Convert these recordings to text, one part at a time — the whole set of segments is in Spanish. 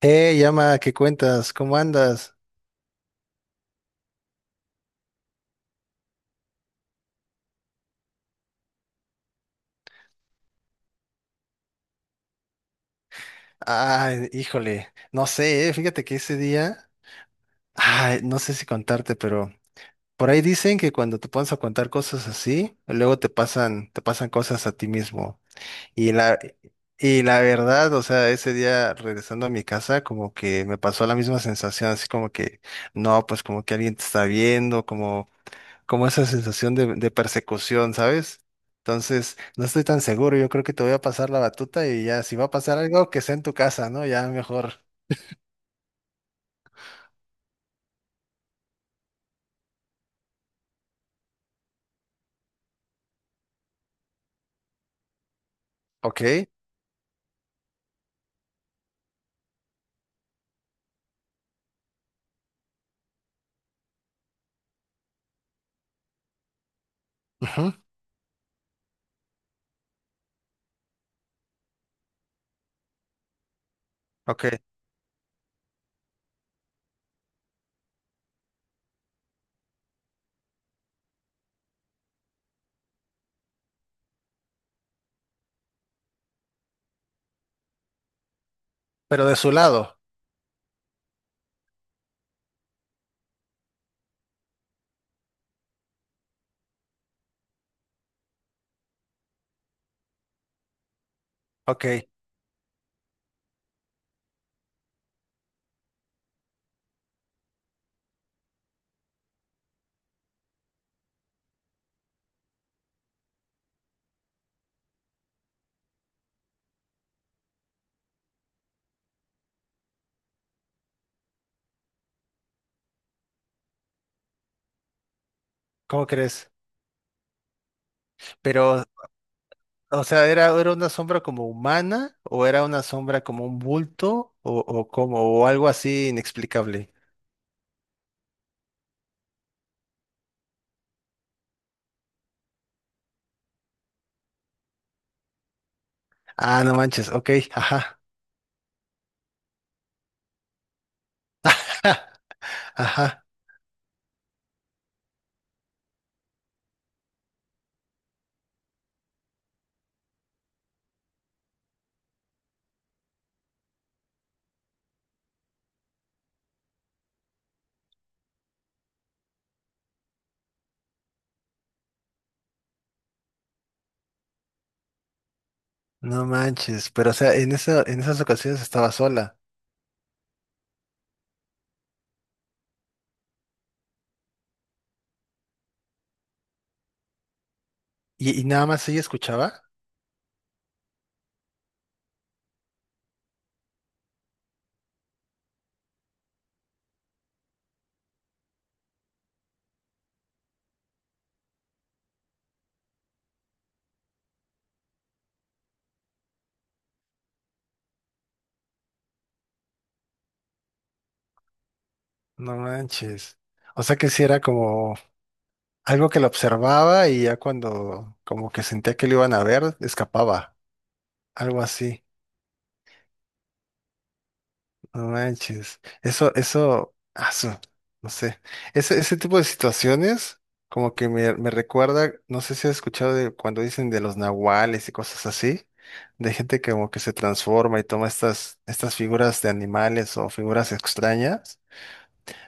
Hey, llama, ¿qué cuentas? ¿Cómo andas? Ay, híjole, no sé, fíjate que ese día, ay, no sé si contarte, pero por ahí dicen que cuando te pones a contar cosas así, luego te pasan cosas a ti mismo. Y la, y la verdad, o sea, ese día regresando a mi casa, como que me pasó la misma sensación, así como que, no, pues como que alguien te está viendo, como esa sensación de persecución, ¿sabes? Entonces, no estoy tan seguro, yo creo que te voy a pasar la batuta y ya, si va a pasar algo, que sea en tu casa, ¿no? Ya mejor. Ok, ujú, ok, pero de su lado, ok, ¿cómo crees? Pero, o sea, ¿era una sombra como humana o era una sombra como un bulto o como, o algo así inexplicable? Ah, no manches, ok, ajá, ajá, no manches, pero o sea, en esas ocasiones estaba sola. ¿Y nada más ella escuchaba? No manches. O sea que sí era como algo que lo observaba y ya cuando como que sentía que lo iban a ver, escapaba. Algo así. No manches. No sé. Ese tipo de situaciones como que me recuerda, no sé si has escuchado de cuando dicen de los nahuales y cosas así, de gente que como que se transforma y toma estas figuras de animales o figuras extrañas.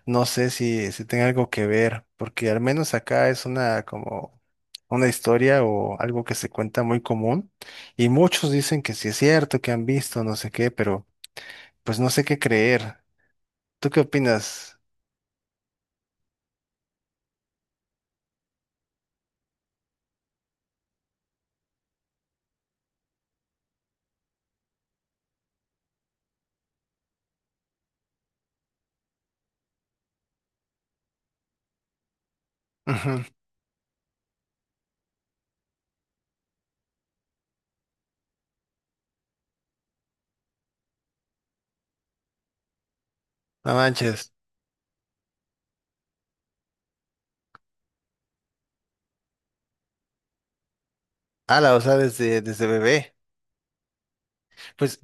No sé si tenga algo que ver, porque al menos acá es una como una historia o algo que se cuenta muy común y muchos dicen que sí es cierto, que han visto, no sé qué, pero pues no sé qué creer. ¿Tú qué opinas? Ujú, no manches. Ala, o sea, desde bebé. Pues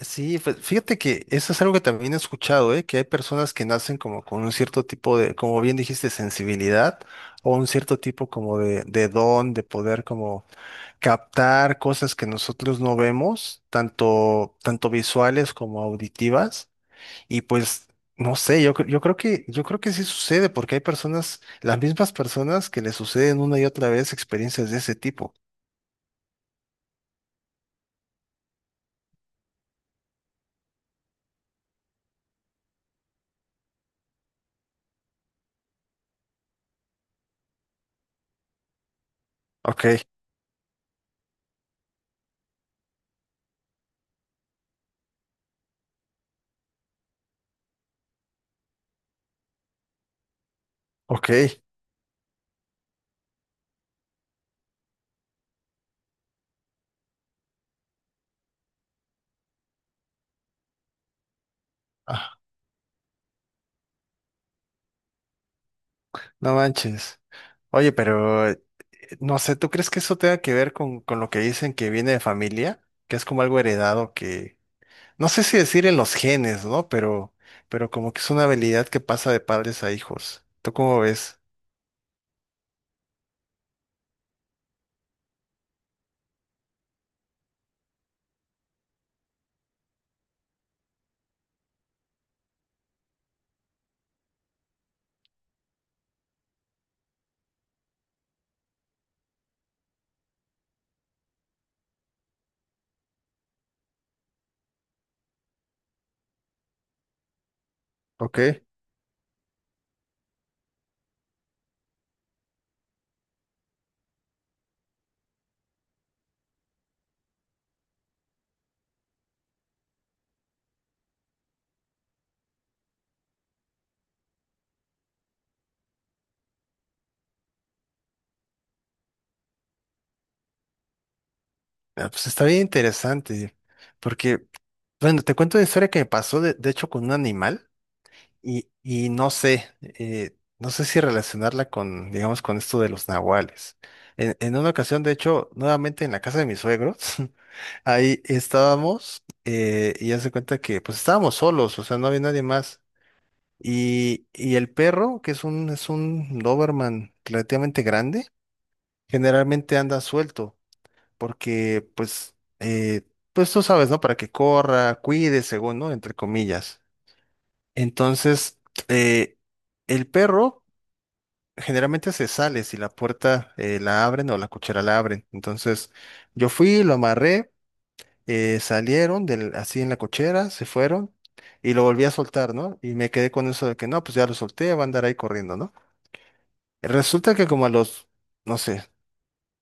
sí, pues fíjate que eso es algo que también he escuchado, ¿eh? Que hay personas que nacen como con un cierto tipo de, como bien dijiste, sensibilidad o un cierto tipo como de don, de poder como captar cosas que nosotros no vemos, tanto visuales como auditivas. Y pues, no sé, yo creo que sí sucede, porque hay personas, las mismas personas que le suceden una y otra vez experiencias de ese tipo. Ok, ok. Ah, no manches. Oye, pero no sé, ¿tú crees que eso tenga que ver con lo que dicen que viene de familia? Que es como algo heredado. No sé si decir en los genes, ¿no? Pero como que es una habilidad que pasa de padres a hijos. ¿Tú cómo ves? Ok. Ah, pues está bien interesante. Porque, bueno, te cuento una historia que me pasó, de hecho, con un animal. Y no sé, no sé si relacionarla con, digamos, con esto de los nahuales. En una ocasión, de hecho, nuevamente en la casa de mis suegros, ahí estábamos, y ya se cuenta que pues estábamos solos, o sea, no había nadie más. Y el perro, que es un Doberman relativamente grande, generalmente anda suelto, porque pues, pues tú sabes, ¿no? Para que corra, cuide, según, ¿no? Entre comillas. Entonces, eh, el perro generalmente se sale si la puerta la abren o la cochera la abren. Entonces, yo fui, lo amarré, salieron del, así en la cochera, se fueron y lo volví a soltar, ¿no? Y me quedé con eso de que no, pues ya lo solté, va a andar ahí corriendo, ¿no? Resulta que como a los, no sé,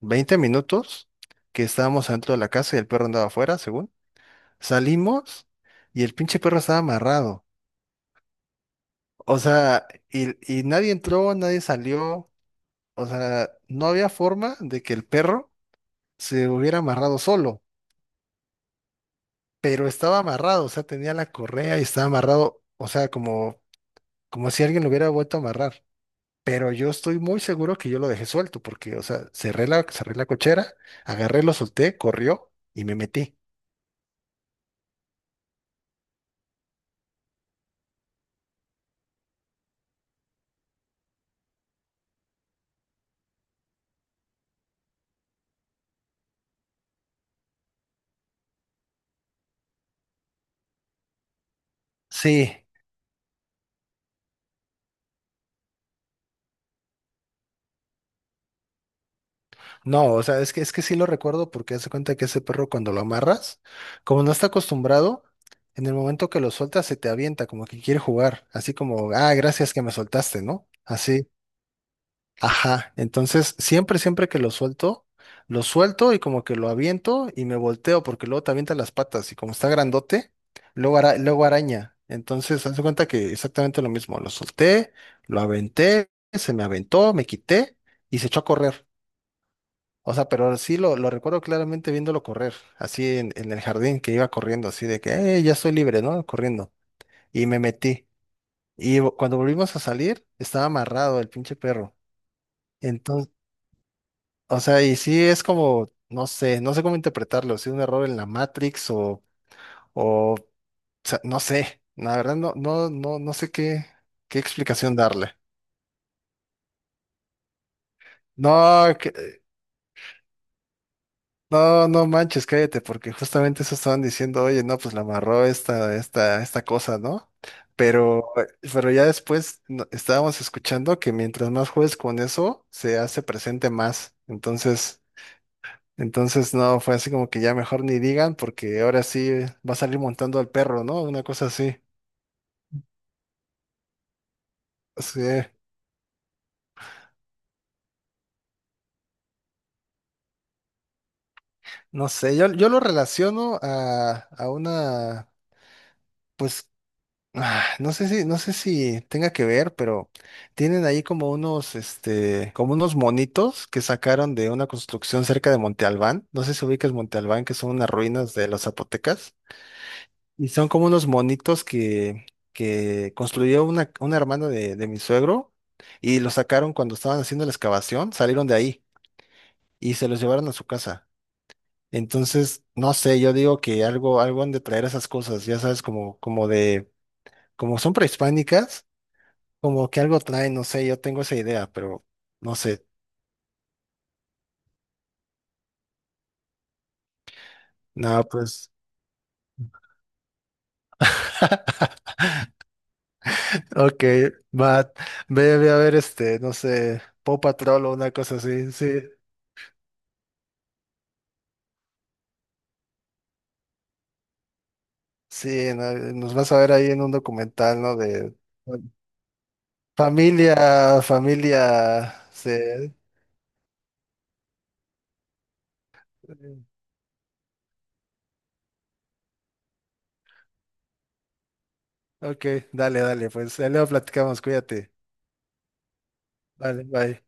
20 minutos que estábamos adentro de la casa y el perro andaba afuera, según, salimos y el pinche perro estaba amarrado. O sea, y nadie entró, nadie salió. O sea, no había forma de que el perro se hubiera amarrado solo, pero estaba amarrado, o sea, tenía la correa y estaba amarrado, o sea, como si alguien lo hubiera vuelto a amarrar. Pero yo estoy muy seguro que yo lo dejé suelto, porque, o sea, cerré la cochera, agarré, lo solté, corrió y me metí. Sí, no, o sea, es que sí lo recuerdo porque hace cuenta que ese perro cuando lo amarras, como no está acostumbrado, en el momento que lo sueltas se te avienta, como que quiere jugar, así como, ah, gracias que me soltaste, ¿no? Así. Ajá, entonces siempre que lo suelto y como que lo aviento y me volteo porque luego te avienta las patas y como está grandote, luego, luego araña. Entonces, haz de cuenta que exactamente lo mismo, lo solté, lo aventé, se me aventó, me quité y se echó a correr. O sea, pero sí lo recuerdo claramente viéndolo correr, así en el jardín que iba corriendo, así de que, ya estoy libre, ¿no?" Corriendo. Y me metí. Y cuando volvimos a salir, estaba amarrado el pinche perro. Entonces, o sea, y sí es como, no sé cómo interpretarlo, si un error en la Matrix o sea, no sé, la verdad no sé qué, explicación darle. No, no, no manches, cállate, porque justamente eso estaban diciendo, oye, no, pues la amarró esta cosa, ¿no? Pero, ya después estábamos escuchando que mientras más juegues con eso, se hace presente más. Entonces, no, fue así como que ya mejor ni digan, porque ahora sí va a salir montando al perro, ¿no? Una cosa así. Sí, no sé, yo lo relaciono a una, pues, ah, no sé si tenga que ver, pero tienen ahí como unos, este, como unos monitos que sacaron de una construcción cerca de Monte Albán. No sé si ubicas Monte Albán, que son unas ruinas de los zapotecas. Y son como unos monitos que construyó una hermana de mi suegro y los sacaron cuando estaban haciendo la excavación, salieron de ahí y se los llevaron a su casa. Entonces, no sé, yo digo que algo han de traer esas cosas, ya sabes, como son prehispánicas, como que algo traen, no sé, yo tengo esa idea, pero no sé. No, pues. Ok, va, ve a ver este, no sé, Paw Patrol o una cosa así, sí. Sí, no, nos vas a ver ahí en un documental, ¿no? De bueno, familia, familia, sí. Ok, dale, dale, pues ahí luego platicamos, cuídate. Vale, bye.